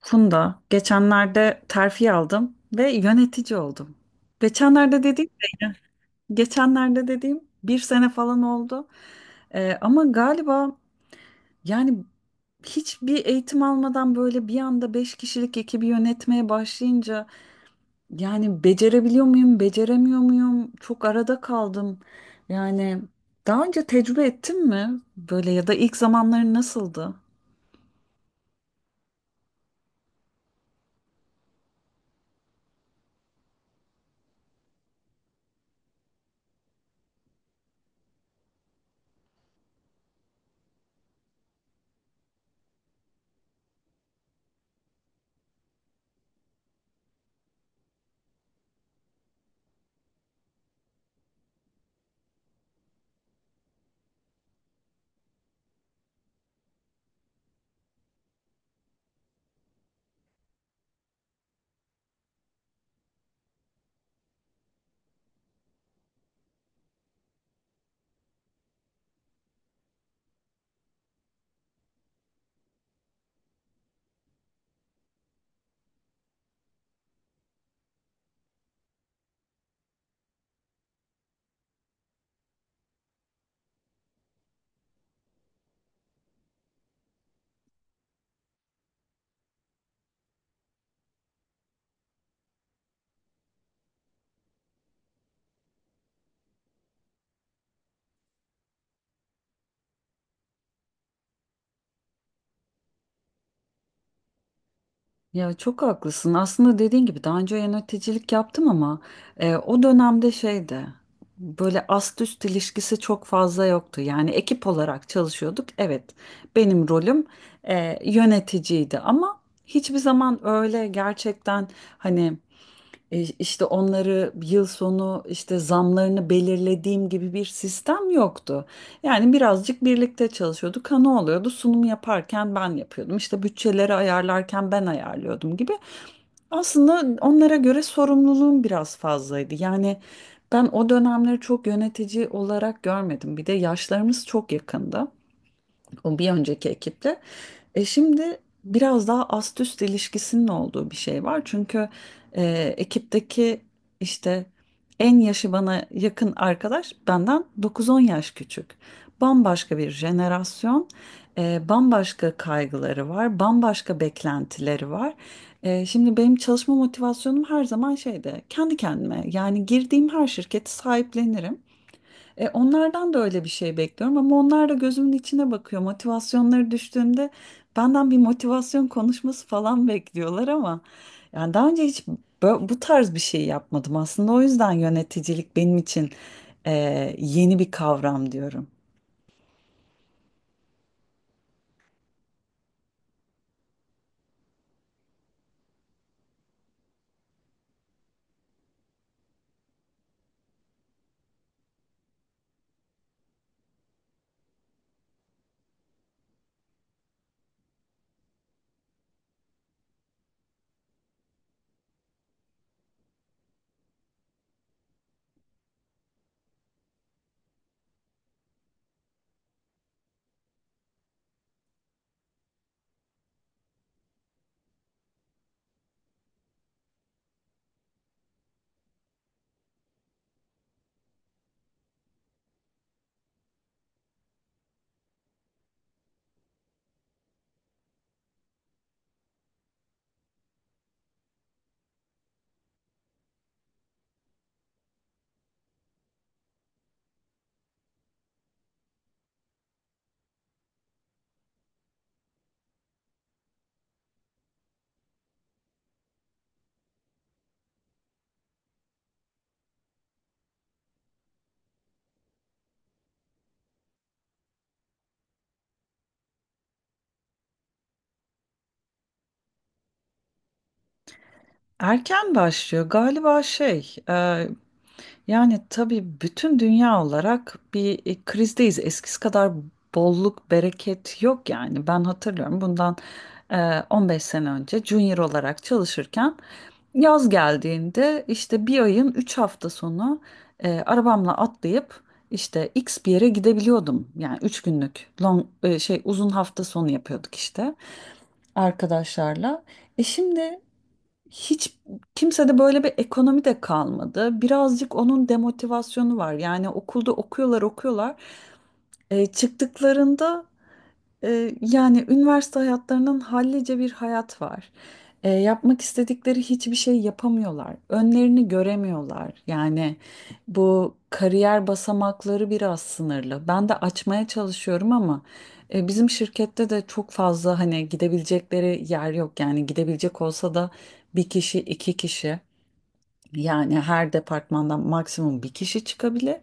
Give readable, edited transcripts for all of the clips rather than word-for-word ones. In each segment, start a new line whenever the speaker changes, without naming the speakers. Funda, geçenlerde terfi aldım ve yönetici oldum. Geçenlerde dediğim de, geçenlerde dediğim bir sene falan oldu. Ama galiba yani hiçbir eğitim almadan böyle bir anda beş kişilik ekibi yönetmeye başlayınca yani becerebiliyor muyum, beceremiyor muyum? Çok arada kaldım. Yani daha önce tecrübe ettin mi böyle ya da ilk zamanların nasıldı? Ya çok haklısın. Aslında dediğin gibi daha önce yöneticilik yaptım ama o dönemde şeydi. Böyle ast üst ilişkisi çok fazla yoktu. Yani ekip olarak çalışıyorduk. Evet, benim rolüm yöneticiydi ama hiçbir zaman öyle gerçekten hani e, İşte onları yıl sonu işte zamlarını belirlediğim gibi bir sistem yoktu. Yani birazcık birlikte çalışıyorduk. Ha ne oluyordu? Sunum yaparken ben yapıyordum. İşte bütçeleri ayarlarken ben ayarlıyordum gibi. Aslında onlara göre sorumluluğum biraz fazlaydı. Yani ben o dönemleri çok yönetici olarak görmedim. Bir de yaşlarımız çok yakındı. O bir önceki ekiple. E şimdi biraz daha ast üst ilişkisinin olduğu bir şey var. Çünkü e, ekipteki işte en yaşı bana yakın arkadaş benden dokuz on yaş küçük. Bambaşka bir jenerasyon, bambaşka kaygıları var, bambaşka beklentileri var. Şimdi benim çalışma motivasyonum her zaman şeyde kendi kendime, yani girdiğim her şirketi sahiplenirim. Onlardan da öyle bir şey bekliyorum ama onlar da gözümün içine bakıyor. Motivasyonları düştüğümde benden bir motivasyon konuşması falan bekliyorlar ama yani daha önce hiç bu tarz bir şey yapmadım aslında. O yüzden yöneticilik benim için e, yeni bir kavram diyorum. Erken başlıyor galiba şey. Yani tabii bütün dünya olarak bir krizdeyiz. Eskisi kadar bolluk, bereket yok yani. Ben hatırlıyorum bundan 15 sene önce junior olarak çalışırken yaz geldiğinde işte bir ayın 3 hafta sonu arabamla atlayıp işte X bir yere gidebiliyordum. Yani 3 günlük long, e, şey uzun hafta sonu yapıyorduk işte arkadaşlarla. E şimdi hiç kimsede böyle bir ekonomi de kalmadı. Birazcık onun demotivasyonu var. Yani okulda okuyorlar. Çıktıklarında yani üniversite hayatlarının hallice bir hayat var. Yapmak istedikleri hiçbir şey yapamıyorlar. Önlerini göremiyorlar. Yani bu kariyer basamakları biraz sınırlı. Ben de açmaya çalışıyorum ama bizim şirkette de çok fazla hani gidebilecekleri yer yok. Yani gidebilecek olsa da bir kişi, iki kişi. Yani her departmandan maksimum bir kişi çıkabilir.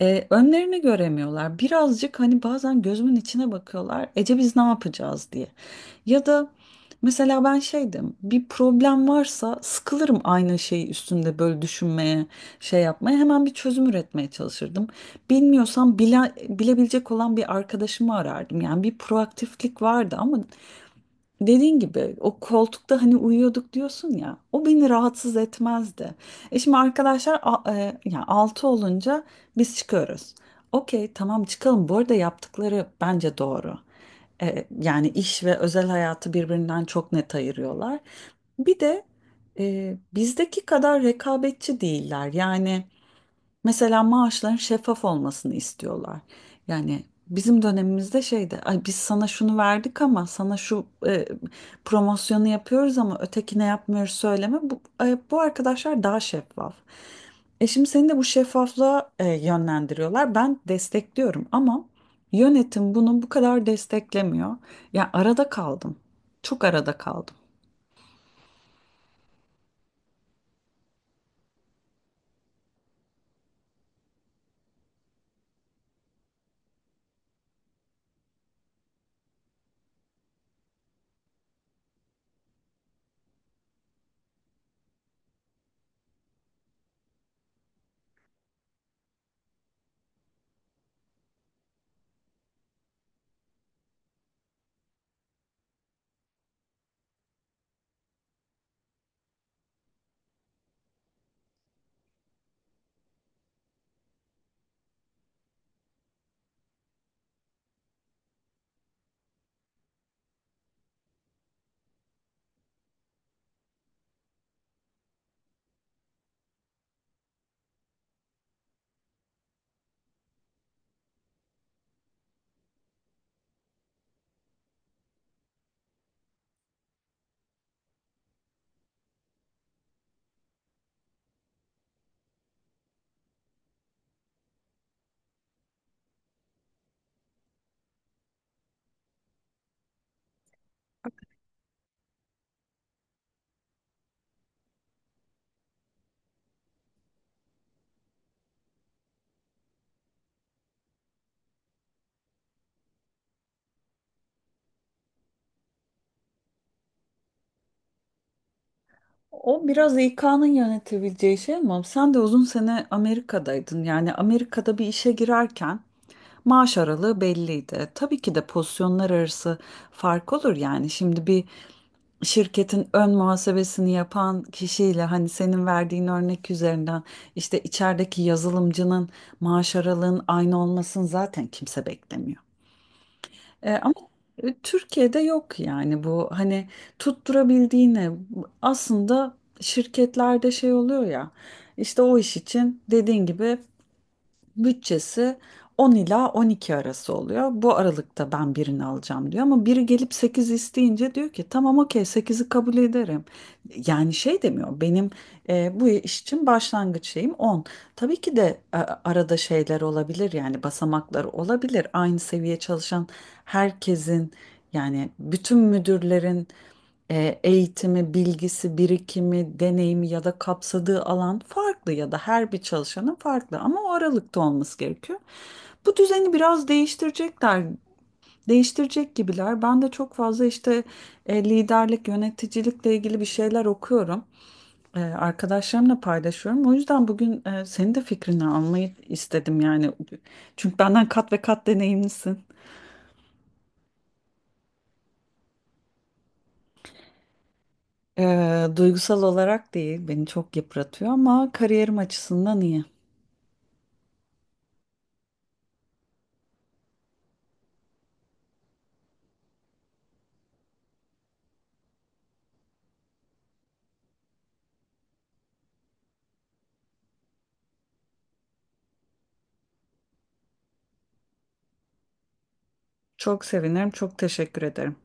Önlerini göremiyorlar. Birazcık hani bazen gözümün içine bakıyorlar. Ece biz ne yapacağız diye. Ya da mesela ben şeydim. Bir problem varsa sıkılırım aynı şeyi üstünde böyle düşünmeye, şey yapmaya. Hemen bir çözüm üretmeye çalışırdım. Bilmiyorsam bile, bilebilecek olan bir arkadaşımı arardım. Yani bir proaktiflik vardı ama dediğin gibi o koltukta hani uyuyorduk diyorsun ya, o beni rahatsız etmezdi. E şimdi arkadaşlar yani 6 olunca biz çıkıyoruz. Okey tamam çıkalım, bu arada yaptıkları bence doğru. Yani iş ve özel hayatı birbirinden çok net ayırıyorlar. Bir de bizdeki kadar rekabetçi değiller yani. Mesela maaşların şeffaf olmasını istiyorlar. Yani bizim dönemimizde şeydi, ay biz sana şunu verdik ama sana şu promosyonu yapıyoruz ama ötekine yapmıyoruz, söyleme. Bu arkadaşlar daha şeffaf. E şimdi seni de bu şeffaflığa yönlendiriyorlar. Ben destekliyorum ama yönetim bunu bu kadar desteklemiyor. Ya arada kaldım. Çok arada kaldım. O biraz İK'nın yönetebileceği şey ama sen de uzun sene Amerika'daydın. Yani Amerika'da bir işe girerken maaş aralığı belliydi. Tabii ki de pozisyonlar arası fark olur yani. Şimdi bir şirketin ön muhasebesini yapan kişiyle, hani senin verdiğin örnek üzerinden, işte içerideki yazılımcının maaş aralığın aynı olmasını zaten kimse beklemiyor. Ama Türkiye'de yok yani bu, hani tutturabildiğine. Aslında şirketlerde şey oluyor ya, işte o iş için dediğin gibi bütçesi 10 ila 12 arası oluyor. Bu aralıkta ben birini alacağım diyor ama biri gelip 8 isteyince diyor ki tamam okey sekizi kabul ederim. Yani şey demiyor: benim bu iş için başlangıç şeyim 10. Tabii ki de arada şeyler olabilir, yani basamaklar olabilir. Aynı seviye çalışan herkesin, yani bütün müdürlerin eğitimi, bilgisi, birikimi, deneyimi ya da kapsadığı alan farklı, ya da her bir çalışanın farklı ama o aralıkta olması gerekiyor. Bu düzeni biraz değiştirecekler, değiştirecek gibiler. Ben de çok fazla işte liderlik, yöneticilikle ilgili bir şeyler okuyorum. Arkadaşlarımla paylaşıyorum. O yüzden bugün senin de fikrini almayı istedim yani. Çünkü benden kat ve kat deneyimlisin. Duygusal olarak değil, beni çok yıpratıyor ama kariyerim açısından iyi. Çok sevinirim. Çok teşekkür ederim.